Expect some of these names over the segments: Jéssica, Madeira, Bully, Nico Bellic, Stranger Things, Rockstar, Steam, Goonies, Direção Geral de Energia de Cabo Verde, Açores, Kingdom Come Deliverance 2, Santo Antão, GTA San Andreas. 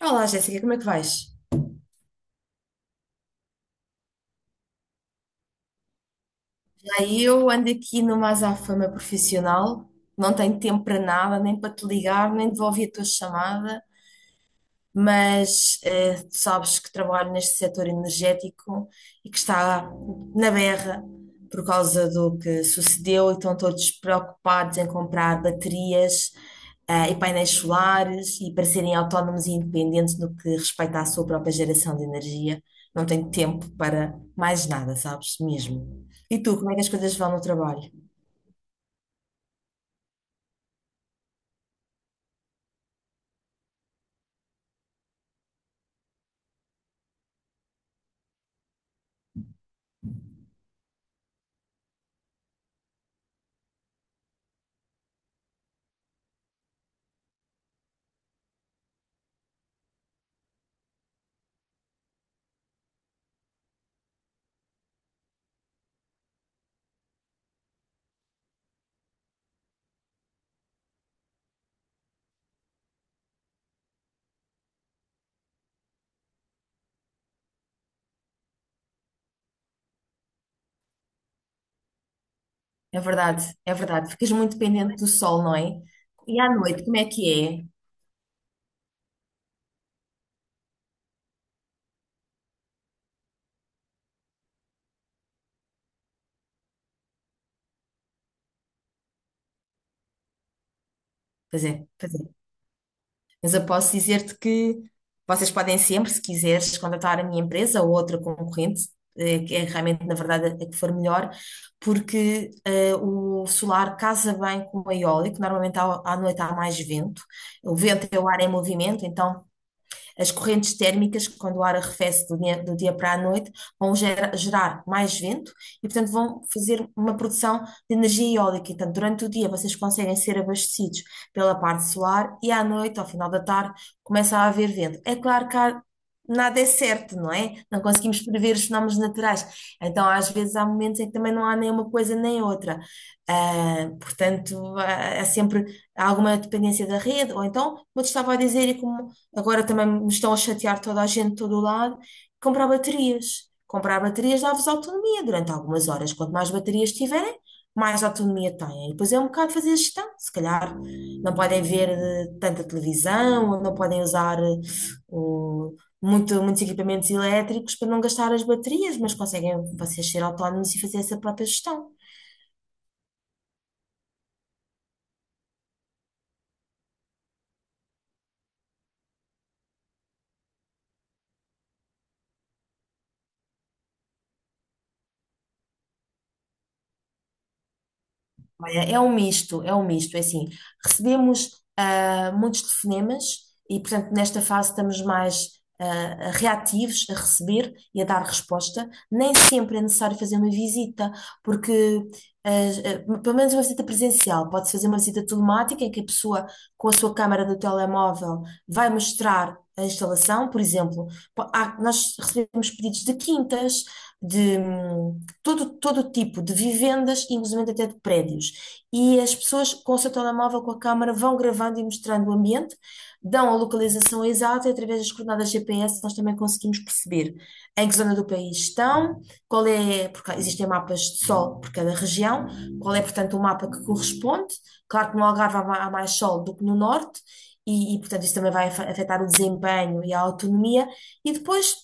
Olá, Jéssica, como é que vais? Já eu ando aqui numa azáfama profissional, não tenho tempo para nada, nem para te ligar, nem devolver a tua chamada. Mas tu sabes que trabalho neste setor energético e que está na berra por causa do que sucedeu e estão todos preocupados em comprar baterias e painéis solares e para serem autónomos e independentes no que respeita à sua própria geração de energia. Não tenho tempo para mais nada, sabes? Mesmo. E tu, como é que as coisas vão no trabalho? É verdade, é verdade. Ficas muito dependente do sol, não é? E à noite, como é que é? Pois é, pois é. Mas eu posso dizer-te que vocês podem sempre, se quiseres, contratar a minha empresa ou outra concorrente, que é realmente, na verdade, a que for melhor, porque o solar casa bem com o eólico, normalmente à noite há mais vento, o vento é o ar em movimento, então as correntes térmicas, quando o ar arrefece do dia para a noite, vão gerar mais vento e, portanto, vão fazer uma produção de energia eólica. Então, durante o dia, vocês conseguem ser abastecidos pela parte solar e à noite, ao final da tarde, começa a haver vento. É claro que há nada é certo, não é? Não conseguimos prever os fenómenos naturais. Então, às vezes, há momentos em que também não há nem uma coisa nem outra. Portanto, há sempre alguma dependência da rede, ou então, como eu te estava a dizer, e como agora também me estão a chatear toda a gente, todo o lado. Comprar baterias. Comprar baterias dá-vos autonomia durante algumas horas. Quanto mais baterias tiverem, mais autonomia têm. E depois é um bocado fazer gestão. Se calhar não podem ver tanta televisão, ou não podem usar o- muitos equipamentos elétricos para não gastar as baterias, mas conseguem vocês ser autónomos e fazer essa própria gestão. Olha, é um misto, é um misto. É assim, recebemos muitos telefonemas e, portanto, nesta fase estamos mais reativos a receber e a dar resposta. Nem sempre é necessário fazer uma visita, porque, ah, pelo menos uma visita presencial, pode-se fazer uma visita telemática em que a pessoa, com a sua câmara do telemóvel, vai mostrar a instalação. Por exemplo, nós recebemos pedidos de quintas, todo tipo de vivendas, inclusive até de prédios. E as pessoas com o seu telemóvel, com a câmara, vão gravando e mostrando o ambiente, dão a localização exata e através das coordenadas GPS nós também conseguimos perceber em que zona do país estão, qual é, porque existem mapas de sol por cada região, qual é, portanto, o mapa que corresponde. Claro que no Algarve há mais sol do que no norte, e, portanto isso também vai afetar o desempenho e a autonomia. E depois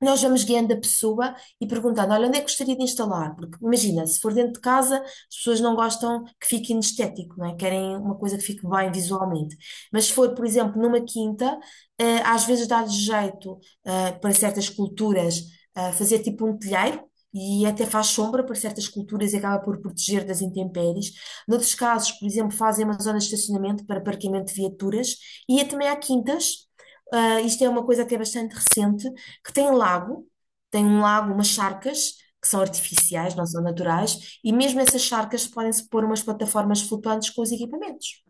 nós vamos guiando a pessoa e perguntando: olha, onde é que gostaria de instalar? Porque imagina, se for dentro de casa, as pessoas não gostam que fique inestético, não é? Querem uma coisa que fique bem visualmente. Mas se for, por exemplo, numa quinta, às vezes dá-lhes jeito, para certas culturas, fazer tipo um telheiro. E até faz sombra para certas culturas e acaba por proteger das intempéries. Noutros casos, por exemplo, fazem uma zona de estacionamento para parqueamento de viaturas. E também há quintas, isto é uma coisa que é bastante recente, que tem um lago, umas charcas, que são artificiais, não são naturais, e mesmo essas charcas podem-se pôr umas plataformas flutuantes com os equipamentos.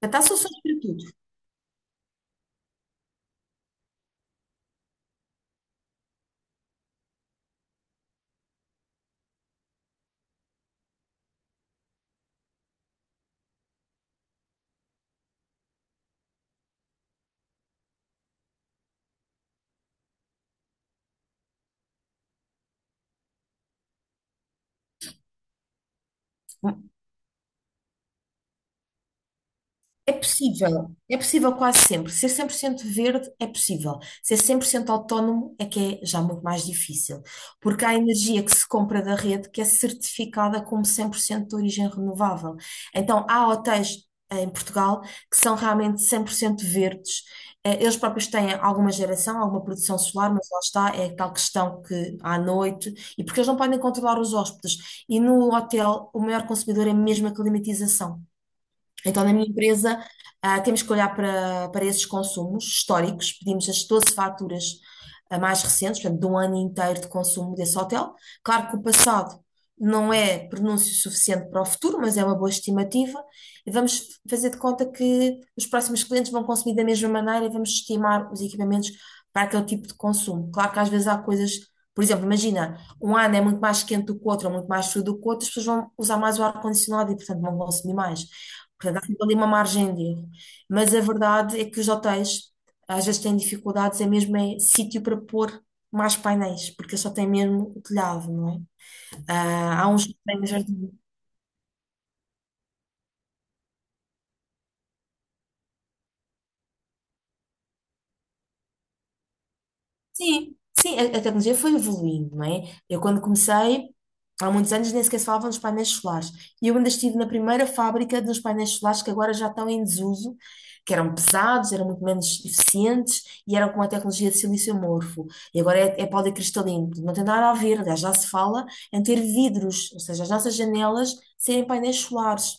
Portanto, há soluções para tudo. É possível quase sempre. Ser 100% verde é possível. Ser 100% autónomo é que é já muito mais difícil, porque há energia que se compra da rede que é certificada como 100% de origem renovável. Então, há hotéis em Portugal que são realmente 100% verdes. Eles próprios têm alguma geração, alguma produção solar, mas lá está, é tal questão que à noite, e porque eles não podem controlar os hóspedes. E no hotel, o maior consumidor é mesmo a climatização. Então, na minha empresa, temos que olhar para esses consumos históricos, pedimos as 12 faturas mais recentes, portanto, de um ano inteiro de consumo desse hotel. Claro que o passado não é pronúncio suficiente para o futuro, mas é uma boa estimativa. E vamos fazer de conta que os próximos clientes vão consumir da mesma maneira e vamos estimar os equipamentos para aquele tipo de consumo. Claro que às vezes há coisas, por exemplo, imagina um ano é muito mais quente do que o outro, ou muito mais frio do que o outro, as pessoas vão usar mais o ar-condicionado e, portanto, vão consumir mais. Portanto, há sempre ali uma margem de erro. Mas a verdade é que os hotéis, às vezes, têm dificuldades, é mesmo em sítio para pôr mais painéis, porque só tem mesmo o telhado, não é? Há uns que têm jardim. Sim, sim, a tecnologia foi evoluindo, não é? Eu quando comecei, há muitos anos, nem sequer se falava dos painéis solares. E eu ainda estive na primeira fábrica dos painéis solares que agora já estão em desuso, que eram pesados, eram muito menos eficientes e eram com a tecnologia de silício amorfo. E agora é, policristalino, portanto, não tem nada a ver, aliás, já se fala em ter vidros, ou seja, as nossas janelas serem painéis solares.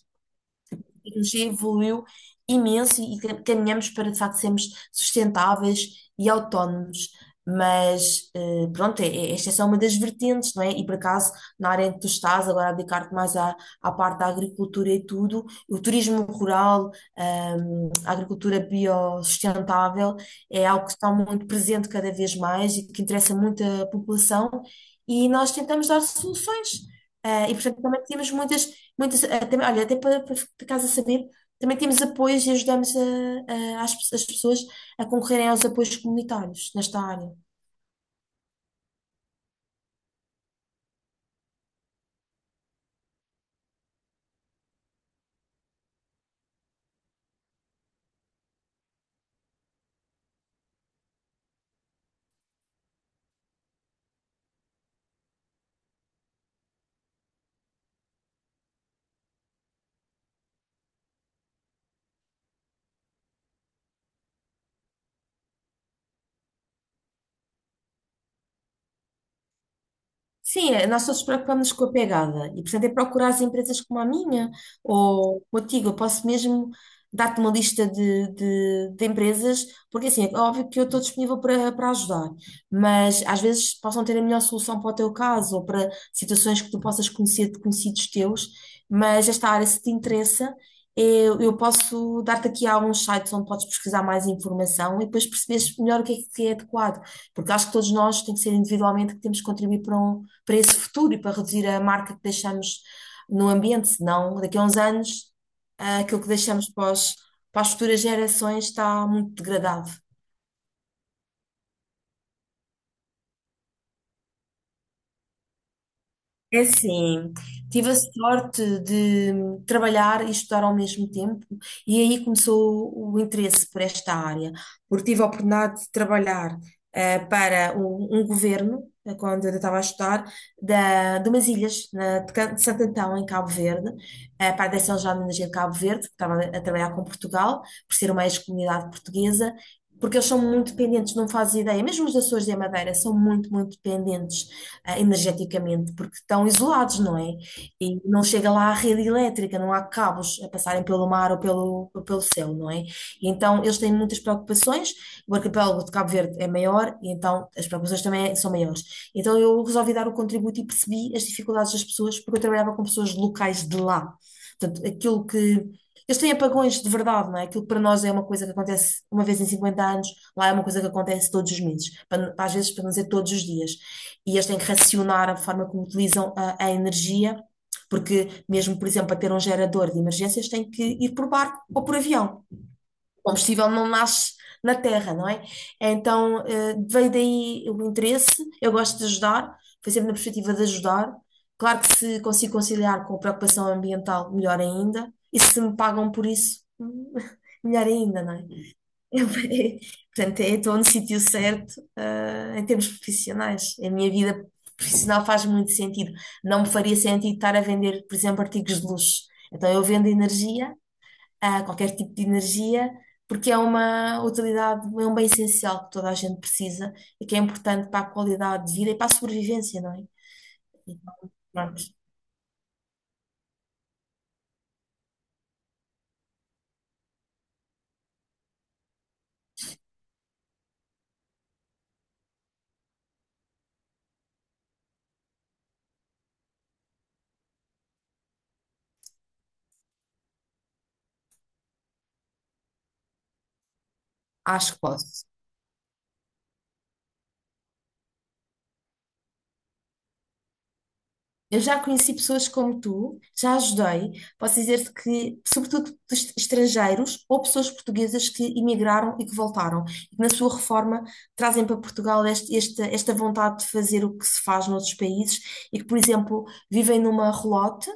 Tecnologia evoluiu imenso e caminhamos para, de facto, sermos sustentáveis e autónomos. Mas, pronto, esta é só uma das vertentes, não é? E, por acaso, na área em que tu estás, agora a dedicar-te mais à parte da agricultura e tudo, o turismo rural, a agricultura biossustentável, é algo que está muito presente cada vez mais e que interessa muito a população, e nós tentamos dar soluções. E, portanto, também temos muitas. Muitas, até, olha, até para ficares saber, também temos apoios e ajudamos as pessoas a concorrerem aos apoios comunitários nesta área. Sim, é, nós todos preocupamos com a pegada e, portanto, é procurar as empresas como a minha ou contigo. Eu posso mesmo dar-te uma lista de empresas, porque assim, é óbvio que eu estou disponível para ajudar, mas às vezes possam ter a melhor solução para o teu caso ou para situações que tu possas conhecer de conhecidos teus. Mas esta área, se te interessa, eu posso dar-te aqui alguns sites onde podes pesquisar mais informação e depois perceberes melhor o que é adequado, porque acho que todos nós tem que ser individualmente que temos que contribuir para para esse futuro e para reduzir a marca que deixamos no ambiente, senão daqui a uns anos, aquilo que deixamos para as futuras gerações está muito degradado. É assim, tive a sorte de trabalhar e estudar ao mesmo tempo, e aí começou o interesse por esta área, porque tive a oportunidade de trabalhar para um governo, quando eu estava a estudar, de umas ilhas, de Santo Antão, em Cabo Verde, para a Direção Geral de Energia de Cabo Verde, que estava a trabalhar com Portugal, por ser uma ex-comunidade portuguesa. Porque eles são muito dependentes, não fazes ideia, mesmo os Açores e a Madeira são muito, muito dependentes energeticamente, porque estão isolados, não é? E não chega lá a rede elétrica, não há cabos a passarem pelo mar ou pelo céu, não é? E então eles têm muitas preocupações, o arquipélago de Cabo Verde é maior, e então as preocupações também são maiores. Então eu resolvi dar o contributo e percebi as dificuldades das pessoas, porque eu trabalhava com pessoas locais de lá. Portanto, aquilo que eles têm apagões de verdade, não é? Aquilo que para nós é uma coisa que acontece uma vez em 50 anos, lá é uma coisa que acontece todos os meses, às vezes, para não dizer todos os dias. E eles têm que racionar a forma como utilizam a energia, porque mesmo, por exemplo, para ter um gerador de emergências, têm que ir por barco ou por avião. O combustível não nasce na terra, não é? Então, veio daí o interesse. Eu gosto de ajudar, foi sempre na perspectiva de ajudar. Claro que se consigo conciliar com a preocupação ambiental, melhor ainda. E se me pagam por isso, melhor ainda, não é? Eu- portanto, eu estou no sítio certo, em termos profissionais. A minha vida profissional faz muito sentido. Não me faria sentido estar a vender, por exemplo, artigos de luxo. Então, eu vendo energia, a qualquer tipo de energia, porque é uma utilidade, é um bem essencial que toda a gente precisa e que é importante para a qualidade de vida e para a sobrevivência, não é? Então, pronto, acho que posso. Eu já conheci pessoas como tu, já ajudei. Posso dizer-te que, sobretudo dos estrangeiros ou pessoas portuguesas que emigraram e que voltaram, e que na sua reforma trazem para Portugal esta vontade de fazer o que se faz noutros países e que, por exemplo, vivem numa relote,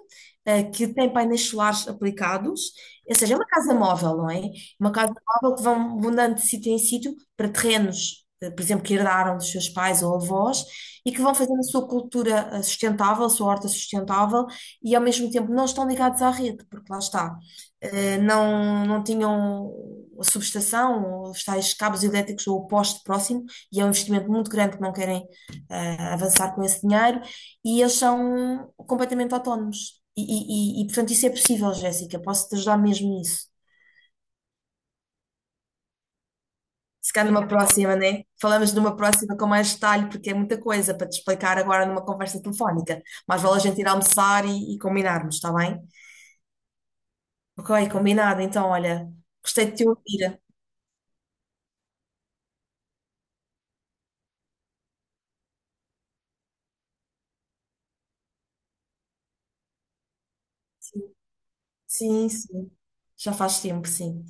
que tem painéis solares aplicados, ou seja, é uma casa móvel, não é? Uma casa móvel que vão mudando de sítio em sítio para terrenos, por exemplo, que herdaram dos seus pais ou avós e que vão fazendo a sua cultura sustentável, a sua horta sustentável e ao mesmo tempo não estão ligados à rede, porque lá está, não, não tinham a subestação, ou os tais cabos elétricos ou o poste próximo, e é um investimento muito grande que não querem avançar com esse dinheiro, e eles são completamente autónomos. E, portanto, isso é possível, Jéssica, posso te ajudar mesmo nisso. Se calhar numa próxima, né? Falamos numa próxima com mais detalhe, porque é muita coisa para te explicar agora numa conversa telefónica. Mas vale a gente ir almoçar e combinarmos, está bem? Ok, combinado. Então, olha, gostei de te ouvir. Sim, sim. Sim. Já faz tempo, sim.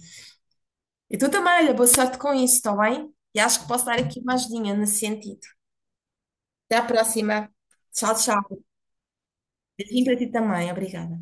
E tu também, olha, boa sorte com isso, está bem? E acho que posso dar aqui uma ajudinha nesse sentido. Até à próxima. Tchau, tchau. Beijinho para ti também. Obrigada.